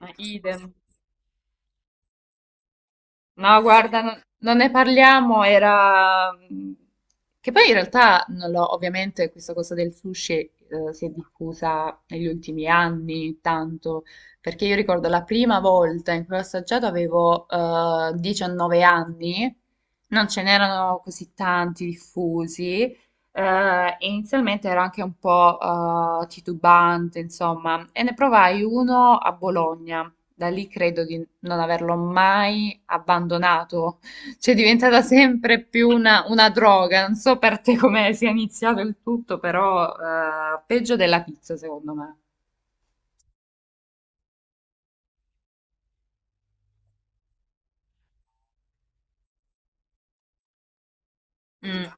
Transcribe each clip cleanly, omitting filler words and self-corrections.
Ma idem. No, guarda, non ne parliamo. Che poi in realtà non l'ho, ovviamente questa cosa del sushi si è diffusa negli ultimi anni tanto, perché io ricordo la prima volta in cui ho assaggiato avevo 19 anni, non ce n'erano così tanti diffusi, e inizialmente ero anche un po' titubante, insomma, e ne provai uno a Bologna. Da lì credo di non averlo mai abbandonato, cioè è diventata sempre più una droga. Non so per te come sia iniziato il tutto, però peggio della pizza secondo me. Mm.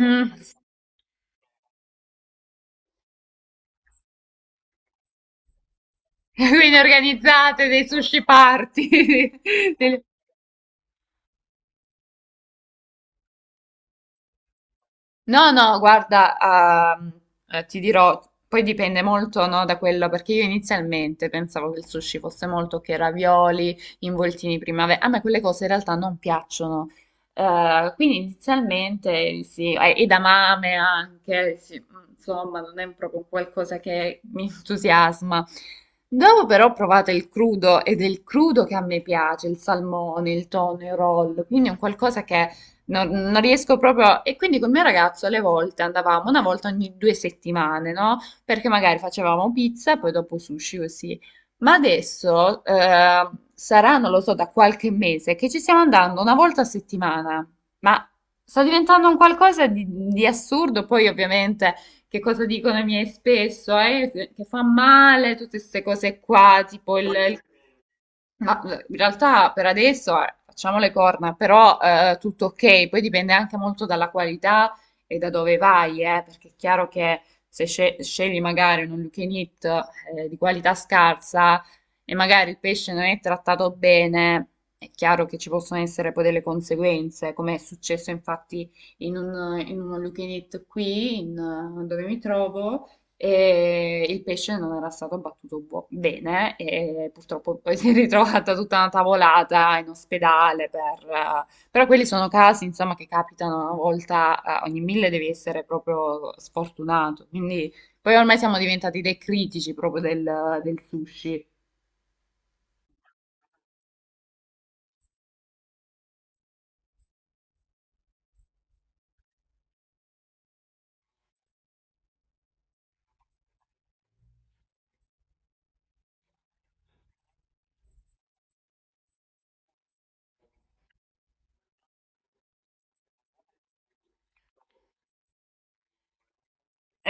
Mm. Quindi organizzate dei sushi party, delle- No, no, guarda, ah, ti dirò. Poi dipende molto, no, da quello, perché io inizialmente pensavo che il sushi fosse molto che ravioli, involtini primavera. A me quelle cose in realtà non piacciono. Quindi inizialmente sì, e edamame anche, sì, insomma, non è proprio qualcosa che mi entusiasma. Dopo però provate il crudo, ed è il crudo che a me piace, il salmone, il tonno, il roll, quindi è un qualcosa che. Non riesco proprio. E quindi col mio ragazzo alle volte andavamo una volta ogni 2 settimane, no? Perché magari facevamo pizza, e poi dopo sushi così. Ma adesso sarà, non lo so, da qualche mese che ci stiamo andando una volta a settimana. Ma sta diventando un qualcosa di assurdo. Poi, ovviamente, che cosa dicono i miei spesso? Che fa male, tutte queste cose qua, tipo il ma in realtà per adesso facciamo le corna, però tutto ok. Poi dipende anche molto dalla qualità e da dove vai, perché è chiaro che se scegli magari un all you can eat, di qualità scarsa e magari il pesce non è trattato bene, è chiaro che ci possono essere poi delle conseguenze, come è successo infatti in un, all you can eat qui, in, dove mi trovo e il pesce non era stato abbattuto bene e purtroppo poi si è ritrovata tutta una tavolata in ospedale per, però quelli sono casi, insomma, che capitano una volta, ogni mille devi essere proprio sfortunato. Quindi poi ormai siamo diventati dei critici proprio del sushi.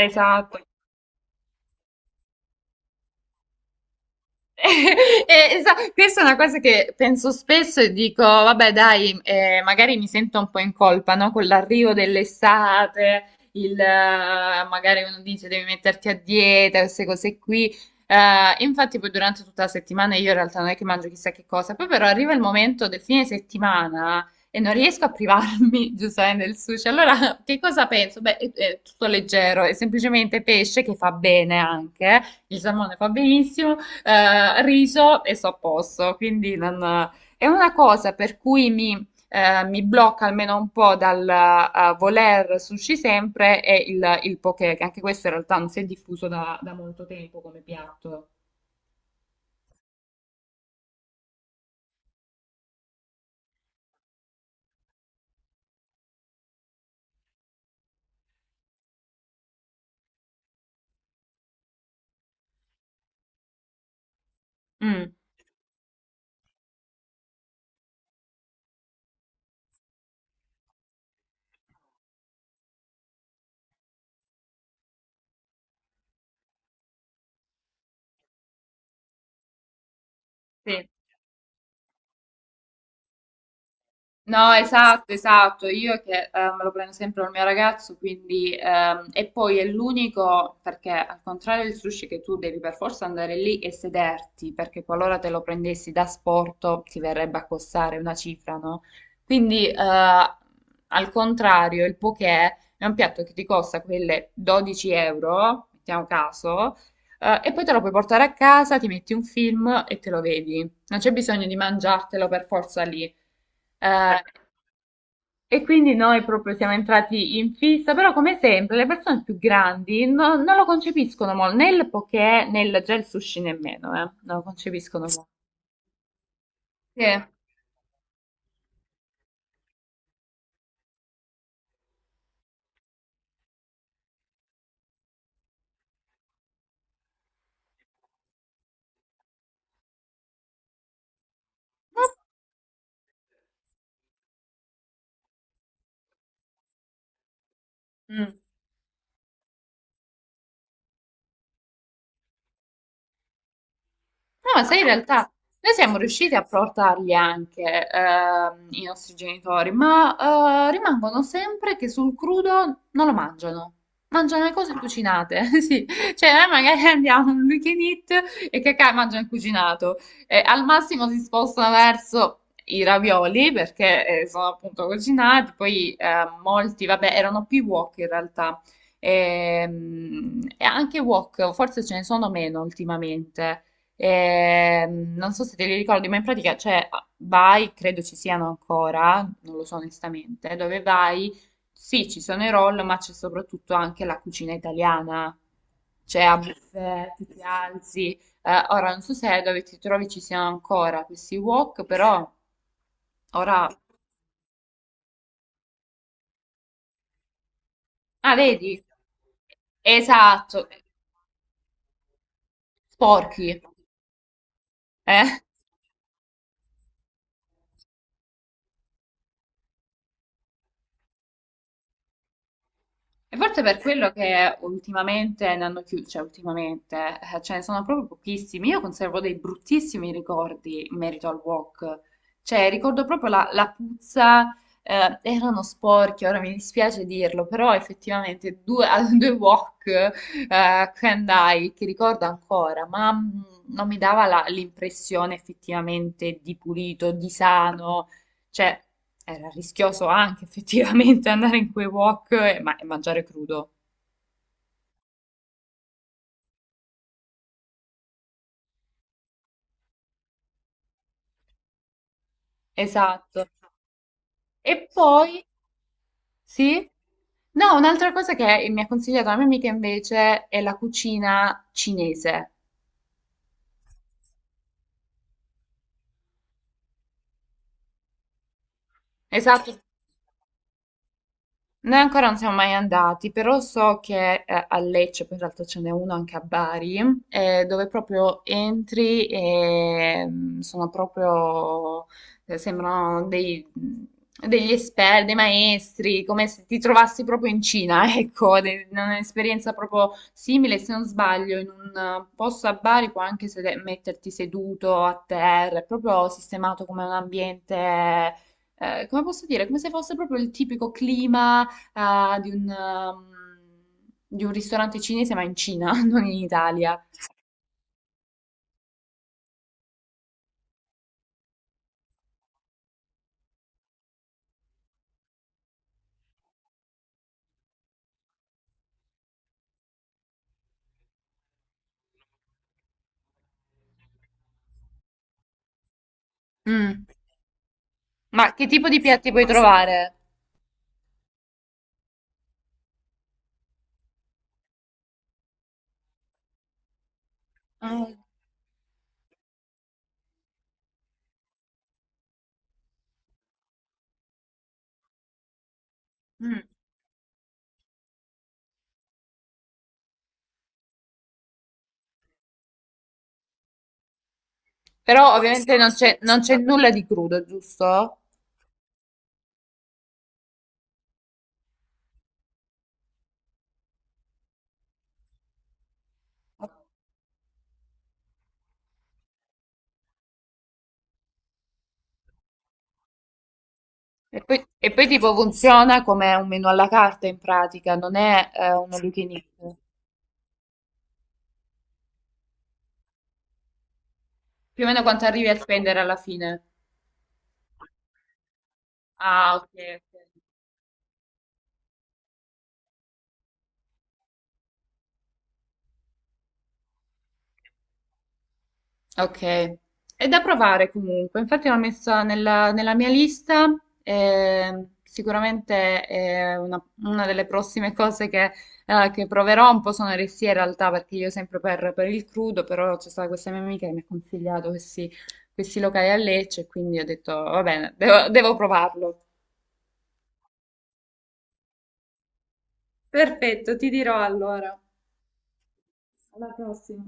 Esatto. Questa è una cosa che penso spesso e dico, vabbè, dai, magari mi sento un po' in colpa, no? Con l'arrivo dell'estate, magari uno dice devi metterti a dieta, queste cose qui. Infatti poi durante tutta la settimana io in realtà non è che mangio chissà che cosa, poi però arriva il momento del fine settimana e non riesco a privarmi, giustamente, del sushi. Allora, che cosa penso? Beh, è tutto leggero, è semplicemente pesce che fa bene anche, eh. Il salmone fa benissimo riso e sto a posto. Quindi è una cosa per cui mi blocca almeno un po' dal voler sushi sempre è il poke, che anche questo in realtà non si è diffuso da molto tempo come piatto. Mm, sì. No, esatto, esatto. Io che me lo prendo sempre col mio ragazzo, quindi e poi è l'unico perché al contrario del sushi che tu devi per forza andare lì e sederti, perché qualora te lo prendessi da sporto ti verrebbe a costare una cifra, no? Quindi al contrario, il poké è un piatto che ti costa quelle 12 euro, mettiamo caso, e poi te lo puoi portare a casa, ti metti un film e te lo vedi. Non c'è bisogno di mangiartelo per forza lì. Eh, e quindi noi proprio siamo entrati in fissa, però come sempre le persone più grandi non lo concepiscono molto, né il poké né il gel sushi nemmeno, non lo concepiscono molto. Sì. Mm. No, ma sai, in realtà noi siamo riusciti a portarli anche i nostri genitori, ma rimangono sempre che sul crudo non lo mangiano. Mangiano le cose cucinate, sì. Cioè, noi magari andiamo in un weekend eat e cacà mangiano il cucinato. E al massimo si spostano verso i ravioli perché sono appunto cucinati. Poi molti, vabbè, erano più wok in realtà. E, anche wok, forse ce ne sono meno ultimamente. E, non so se te li ricordi, ma in pratica c'è vai, credo ci siano ancora, non lo so onestamente, dove vai, sì, ci sono i roll, ma c'è soprattutto anche la cucina italiana. C'è a buffet, tu ti alzi. Ora non so se dove ti trovi ci siano ancora questi wok, però ora. Ah, vedi? Esatto, sporchi. Eh? E forse per quello che ultimamente ne hanno chiuso, cioè ultimamente ce ne sono proprio pochissimi. Io conservo dei bruttissimi ricordi in merito al wok. Cioè, ricordo proprio la puzza, erano sporchi, ora mi dispiace dirlo, però effettivamente due, a due wok che andai, che ricordo ancora, ma non mi dava l'impressione effettivamente di pulito, di sano. Cioè, era rischioso anche effettivamente andare in quei wok e mangiare crudo. Esatto. E poi, sì? No, un'altra cosa che mi ha consigliato la mia amica invece è la cucina cinese. Esatto. Noi ancora non siamo mai andati, però so che a Lecce, poi in realtà ce n'è uno anche a Bari, dove proprio entri e sono proprio, sembrano degli esperti, dei maestri, come se ti trovassi proprio in Cina, ecco, un'esperienza proprio simile, se non sbaglio, in un posto a Bari puoi anche metterti seduto a terra, è proprio sistemato come un ambiente, come posso dire? Come se fosse proprio il tipico clima, ah, di un, um, di un ristorante cinese, ma in Cina, non in Italia. Mm. Ma che tipo di piatti puoi trovare? Eh, mm. Però ovviamente non c'è nulla di crudo, giusto? E poi tipo funziona come un menù alla carta in pratica, non è un all you can eat. Più o meno quanto arrivi a spendere alla fine. Ah, ok, ok. Ok, è da provare comunque. Infatti l'ho messa nella mia lista, sicuramente è una delle prossime cose che proverò. Un po' sono restia in realtà perché io sempre per il crudo, però c'è stata questa mia amica che mi ha consigliato questi locali a Lecce e quindi ho detto va bene, devo provarlo. Perfetto, ti dirò allora. Alla prossima.